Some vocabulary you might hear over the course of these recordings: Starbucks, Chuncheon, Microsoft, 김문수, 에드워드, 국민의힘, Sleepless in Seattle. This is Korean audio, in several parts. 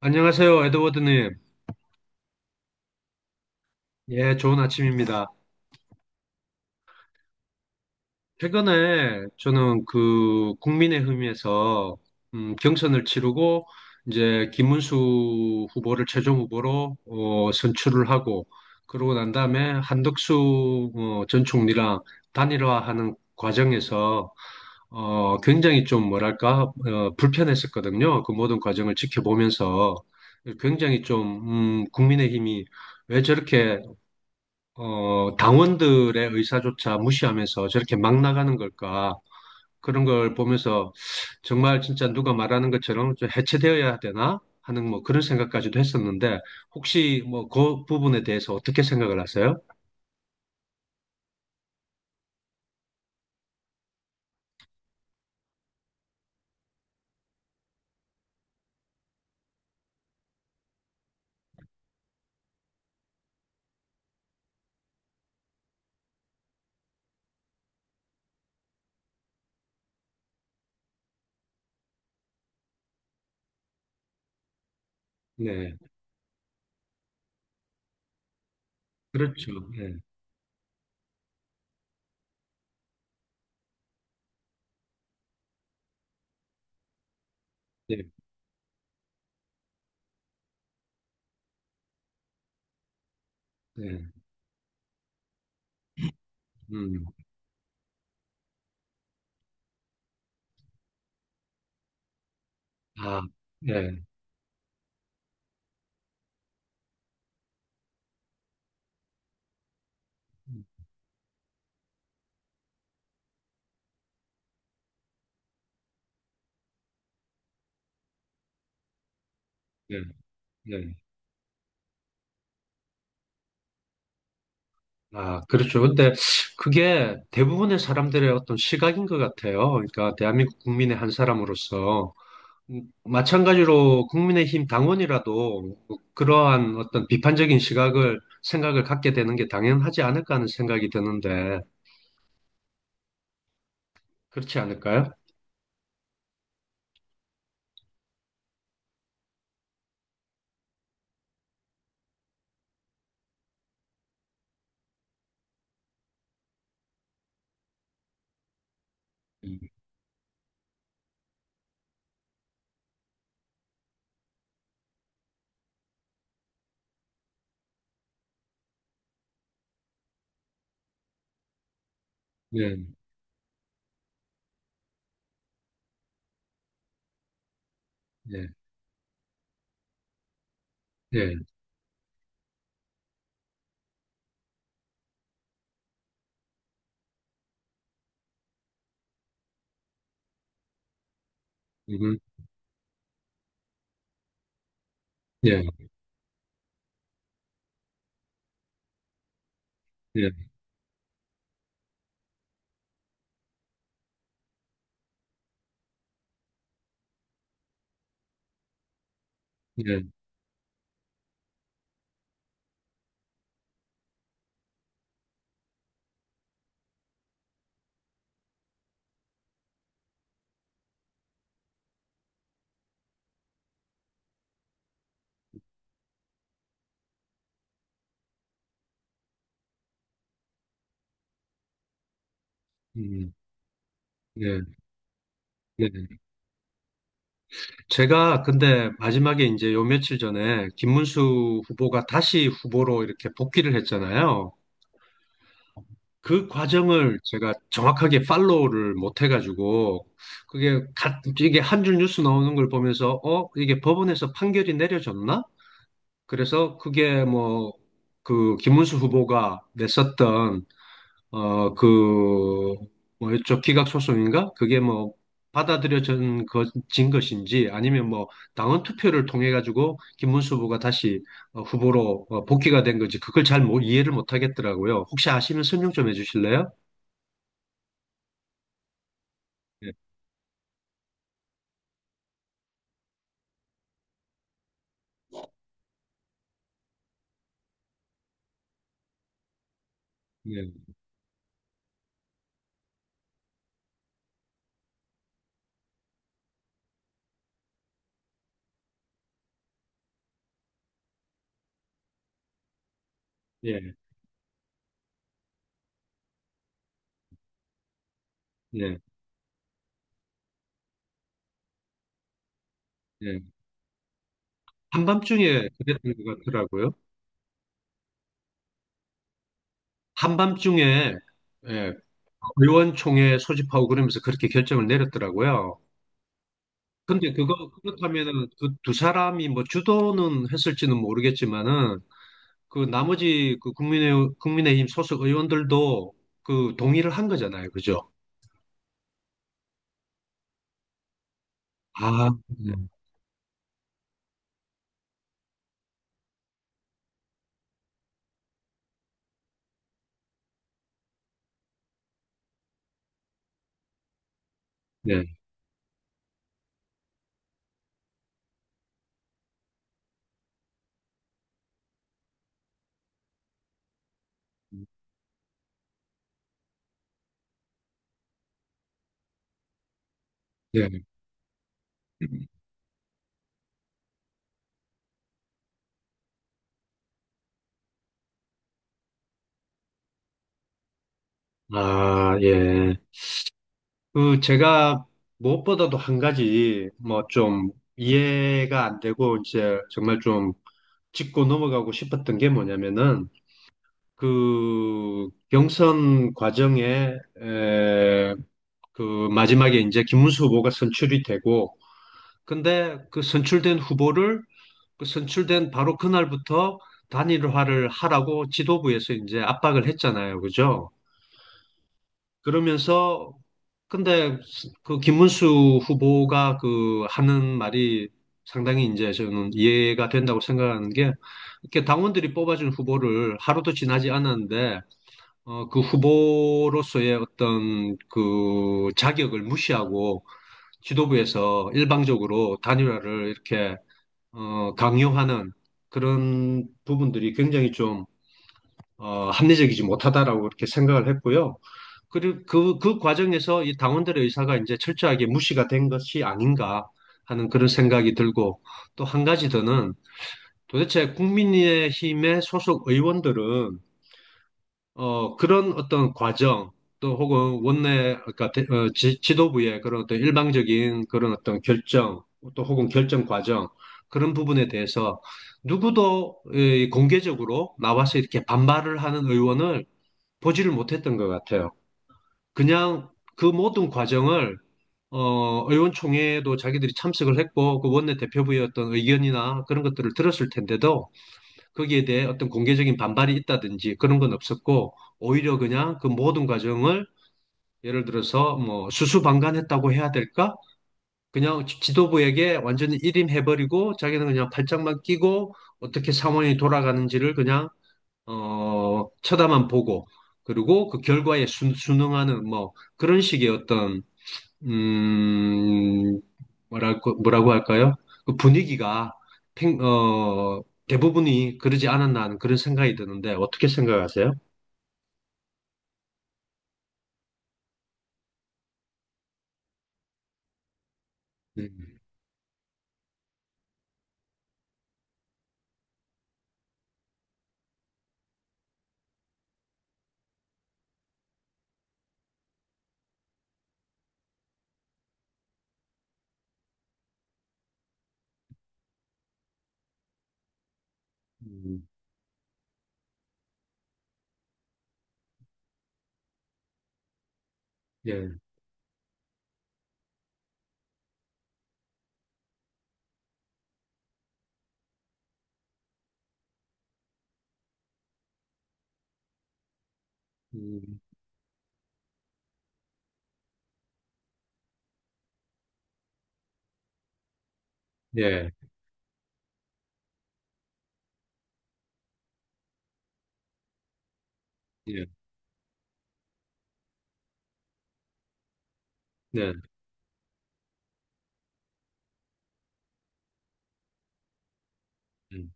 안녕하세요, 에드워드님. 예, 좋은 아침입니다. 최근에 저는 그 국민의힘에서 경선을 치르고 이제 김문수 후보를 최종 후보로 선출을 하고, 그러고 난 다음에 한덕수 전 총리랑 단일화하는 과정에서 굉장히 좀 뭐랄까 불편했었거든요. 그 모든 과정을 지켜보면서 굉장히 좀 국민의힘이 왜 저렇게 당원들의 의사조차 무시하면서 저렇게 막 나가는 걸까? 그런 걸 보면서 정말 진짜 누가 말하는 것처럼 좀 해체되어야 되나 하는 뭐 그런 생각까지도 했었는데 혹시 뭐 그 부분에 대해서 어떻게 생각을 하세요? 네, 그렇죠. 네, 네, 네. 음. 아, 네, 네, 네. 아, 그렇죠. 근데 그게 대부분의 사람들의 어떤 시각인 것 같아요. 그러니까 대한민국 국민의 한 사람으로서. 마찬가지로 국민의힘 당원이라도 그러한 어떤 비판적인 시각을 생각을 갖게 되는 게 당연하지 않을까 하는 생각이 드는데 그렇지 않을까요? 음, 예, 예, 예. 음, 예, 예, 예. 음, 예, 예. 제가 근데 마지막에 이제 요 며칠 전에 김문수 후보가 다시 후보로 이렇게 복귀를 했잖아요. 그 과정을 제가 정확하게 팔로우를 못 해가지고 이게 한 줄 뉴스 나오는 걸 보면서 이게 법원에서 판결이 내려졌나? 그래서 그게 뭐 그 김문수 후보가 냈었던 그 뭐였죠, 기각 소송인가? 그게 뭐 받아들여진 것, 진 것인지, 아니면 뭐 당원 투표를 통해 가지고 김문수 후보가 다시 후보로 복귀가 된 건지 그걸 잘 이해를 못 하겠더라고요. 혹시 아시면 설명 좀 해주실래요? 예, 예, 예, 예. 한밤중에 그랬던 것 같더라고요. 한밤중에. 예. 의원총회 소집하고 그러면서 그렇게 결정을 내렸더라고요. 근데 그거 그렇다면은 그 두 사람이 뭐 주도는 했을지는 모르겠지만은 그 나머지 그 국민의힘 소속 의원들도 그 동의를 한 거잖아요, 그죠? 아, 네, 네, 네. 아, 예. 그 제가 무엇보다도 한 가지 뭐 좀 이해가 안 되고 이제 정말 좀 짚고 넘어가고 싶었던 게 뭐냐면은 그 경선 과정에 에, 그 마지막에 이제 김문수 후보가 선출이 되고, 근데 그 선출된 후보를 그 선출된 바로 그날부터 단일화를 하라고 지도부에서 이제 압박을 했잖아요, 그죠? 그러면서 근데 그 김문수 후보가 그 하는 말이 상당히 이제 저는 이해가 된다고 생각하는 게, 이렇게 당원들이 뽑아준 후보를 하루도 지나지 않았는데 그 후보로서의 어떤 그 자격을 무시하고 지도부에서 일방적으로 단일화를 이렇게 강요하는 그런 부분들이 굉장히 좀 합리적이지 못하다라고 이렇게 생각을 했고요. 그리고 그 과정에서 이 당원들의 의사가 이제 철저하게 무시가 된 것이 아닌가 하는 그런 생각이 들고, 또 한 가지 더는 도대체 국민의힘의 소속 의원들은 그런 어떤 과정 또 혹은 원내 그러니까 지도부의 그런 어떤 일방적인 그런 어떤 결정 또 혹은 결정 과정 그런 부분에 대해서 누구도 공개적으로 나와서 이렇게 반발을 하는 의원을 보지를 못했던 것 같아요. 그냥 그 모든 과정을 의원총회에도 자기들이 참석을 했고 그 원내 대표부의 어떤 의견이나 그런 것들을 들었을 텐데도 거기에 대해 어떤 공개적인 반발이 있다든지 그런 건 없었고, 오히려 그냥 그 모든 과정을 예를 들어서 뭐 수수방관했다고 해야 될까? 그냥 지도부에게 완전히 일임해버리고 자기는 그냥 팔짱만 끼고 어떻게 상황이 돌아가는지를 그냥 쳐다만 보고, 그리고 그 결과에 순응하는 뭐 그런 식의 어떤 음, 뭐랄까, 뭐라고 할까요? 그 분위기가 팽- 어, 대부분이 그러지 않았나 하는 그런 생각이 드는데, 어떻게 생각하세요? 네. 음, 예. 음, 예, 예. 네. 음,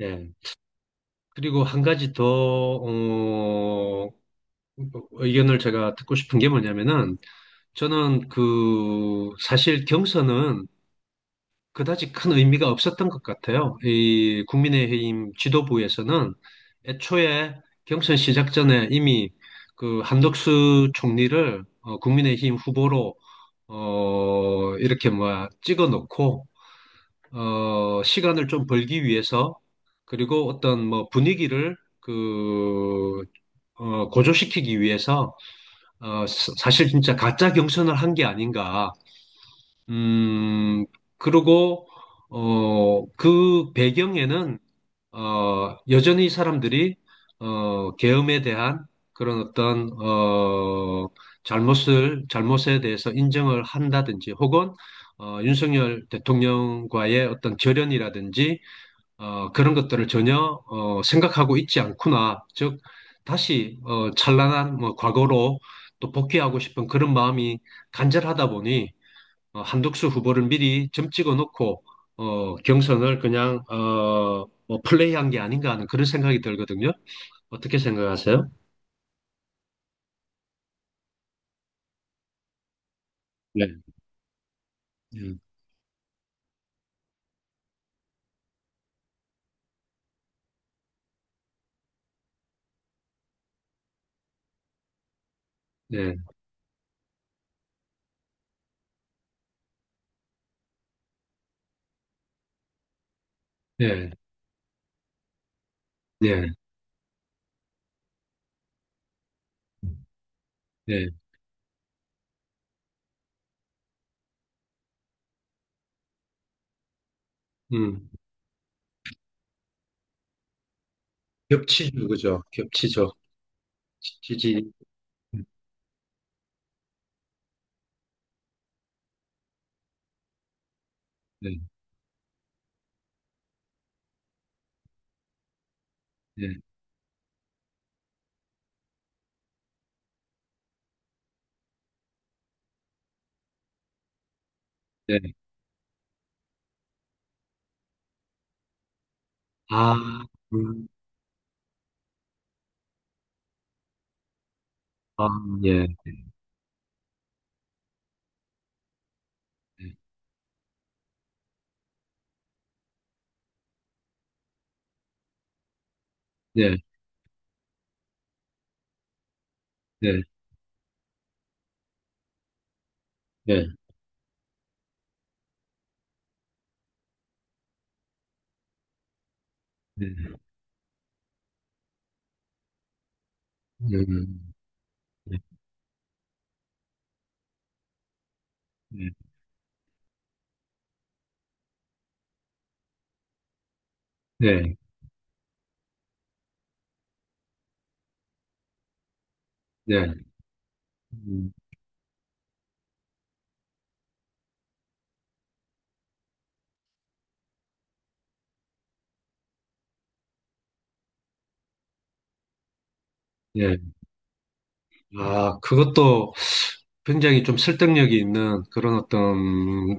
예. 그리고 한 가지 더, 의견을 제가 듣고 싶은 게 뭐냐면은, 저는 그, 사실 경선은 그다지 큰 의미가 없었던 것 같아요. 이 국민의힘 지도부에서는 애초에 경선 시작 전에 이미 그 한덕수 총리를 국민의힘 후보로 이렇게 뭐 찍어 놓고 시간을 좀 벌기 위해서, 그리고 어떤 뭐 분위기를 그 고조시키기 위해서 사실 진짜 가짜 경선을 한 게 아닌가. 음, 그리고, 어, 그 배경에는 여전히 사람들이 계엄에 대한 그런 어떤 잘못에 대해서 인정을 한다든지, 혹은 윤석열 대통령과의 어떤 절연이라든지 그런 것들을 전혀 생각하고 있지 않구나. 즉, 다시 찬란한 뭐 과거로 또 복귀하고 싶은 그런 마음이 간절하다 보니 한덕수 후보를 미리 점 찍어 놓고 경선을 그냥 뭐 플레이한 게 아닌가 하는 그런 생각이 들거든요. 어떻게 생각하세요? 네, 네, 네, 네, 네, 네. 음. 겹치죠, 그죠? 겹치죠. 지지. 네, 네, 네. 아, 음, 아, 예. 네, 네, 네, 네, 네. 음. 네, 네, 네, 네. 음. 네. 아, 그것도 굉장히 좀 설득력이 있는 그런 어떤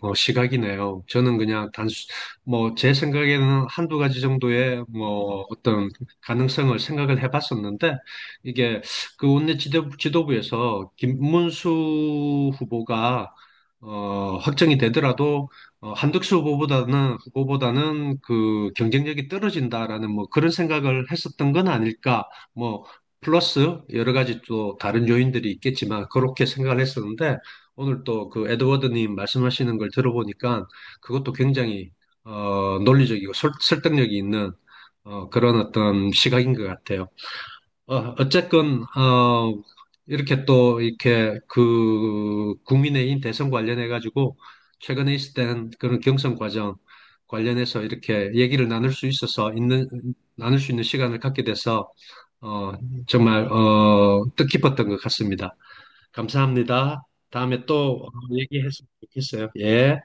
뭐 시각이네요. 저는 그냥 뭐 제 생각에는 한두 가지 정도의 뭐 어떤 가능성을 생각을 해봤었는데, 이게 그 원내 지도부에서 김문수 후보가 확정이 되더라도 한덕수 후보보다는 그 경쟁력이 떨어진다라는 뭐 그런 생각을 했었던 건 아닐까, 뭐 플러스 여러 가지 또 다른 요인들이 있겠지만 그렇게 생각을 했었는데, 오늘 또 그 에드워드님 말씀하시는 걸 들어보니까 그것도 굉장히 논리적이고 설득력이 있는 그런 어떤 시각인 것 같아요. 어쨌건, 이렇게 또, 이렇게 그, 국민의힘 대선 관련해가지고 최근에 있었던 그런 경선 과정 관련해서 이렇게 얘기를 나눌 수 있어서, 있는, 나눌 수 있는 시간을 갖게 돼서, 어, 정말 뜻깊었던 것 같습니다. 감사합니다. 다음에 또 얘기했으면 좋겠어요. 예.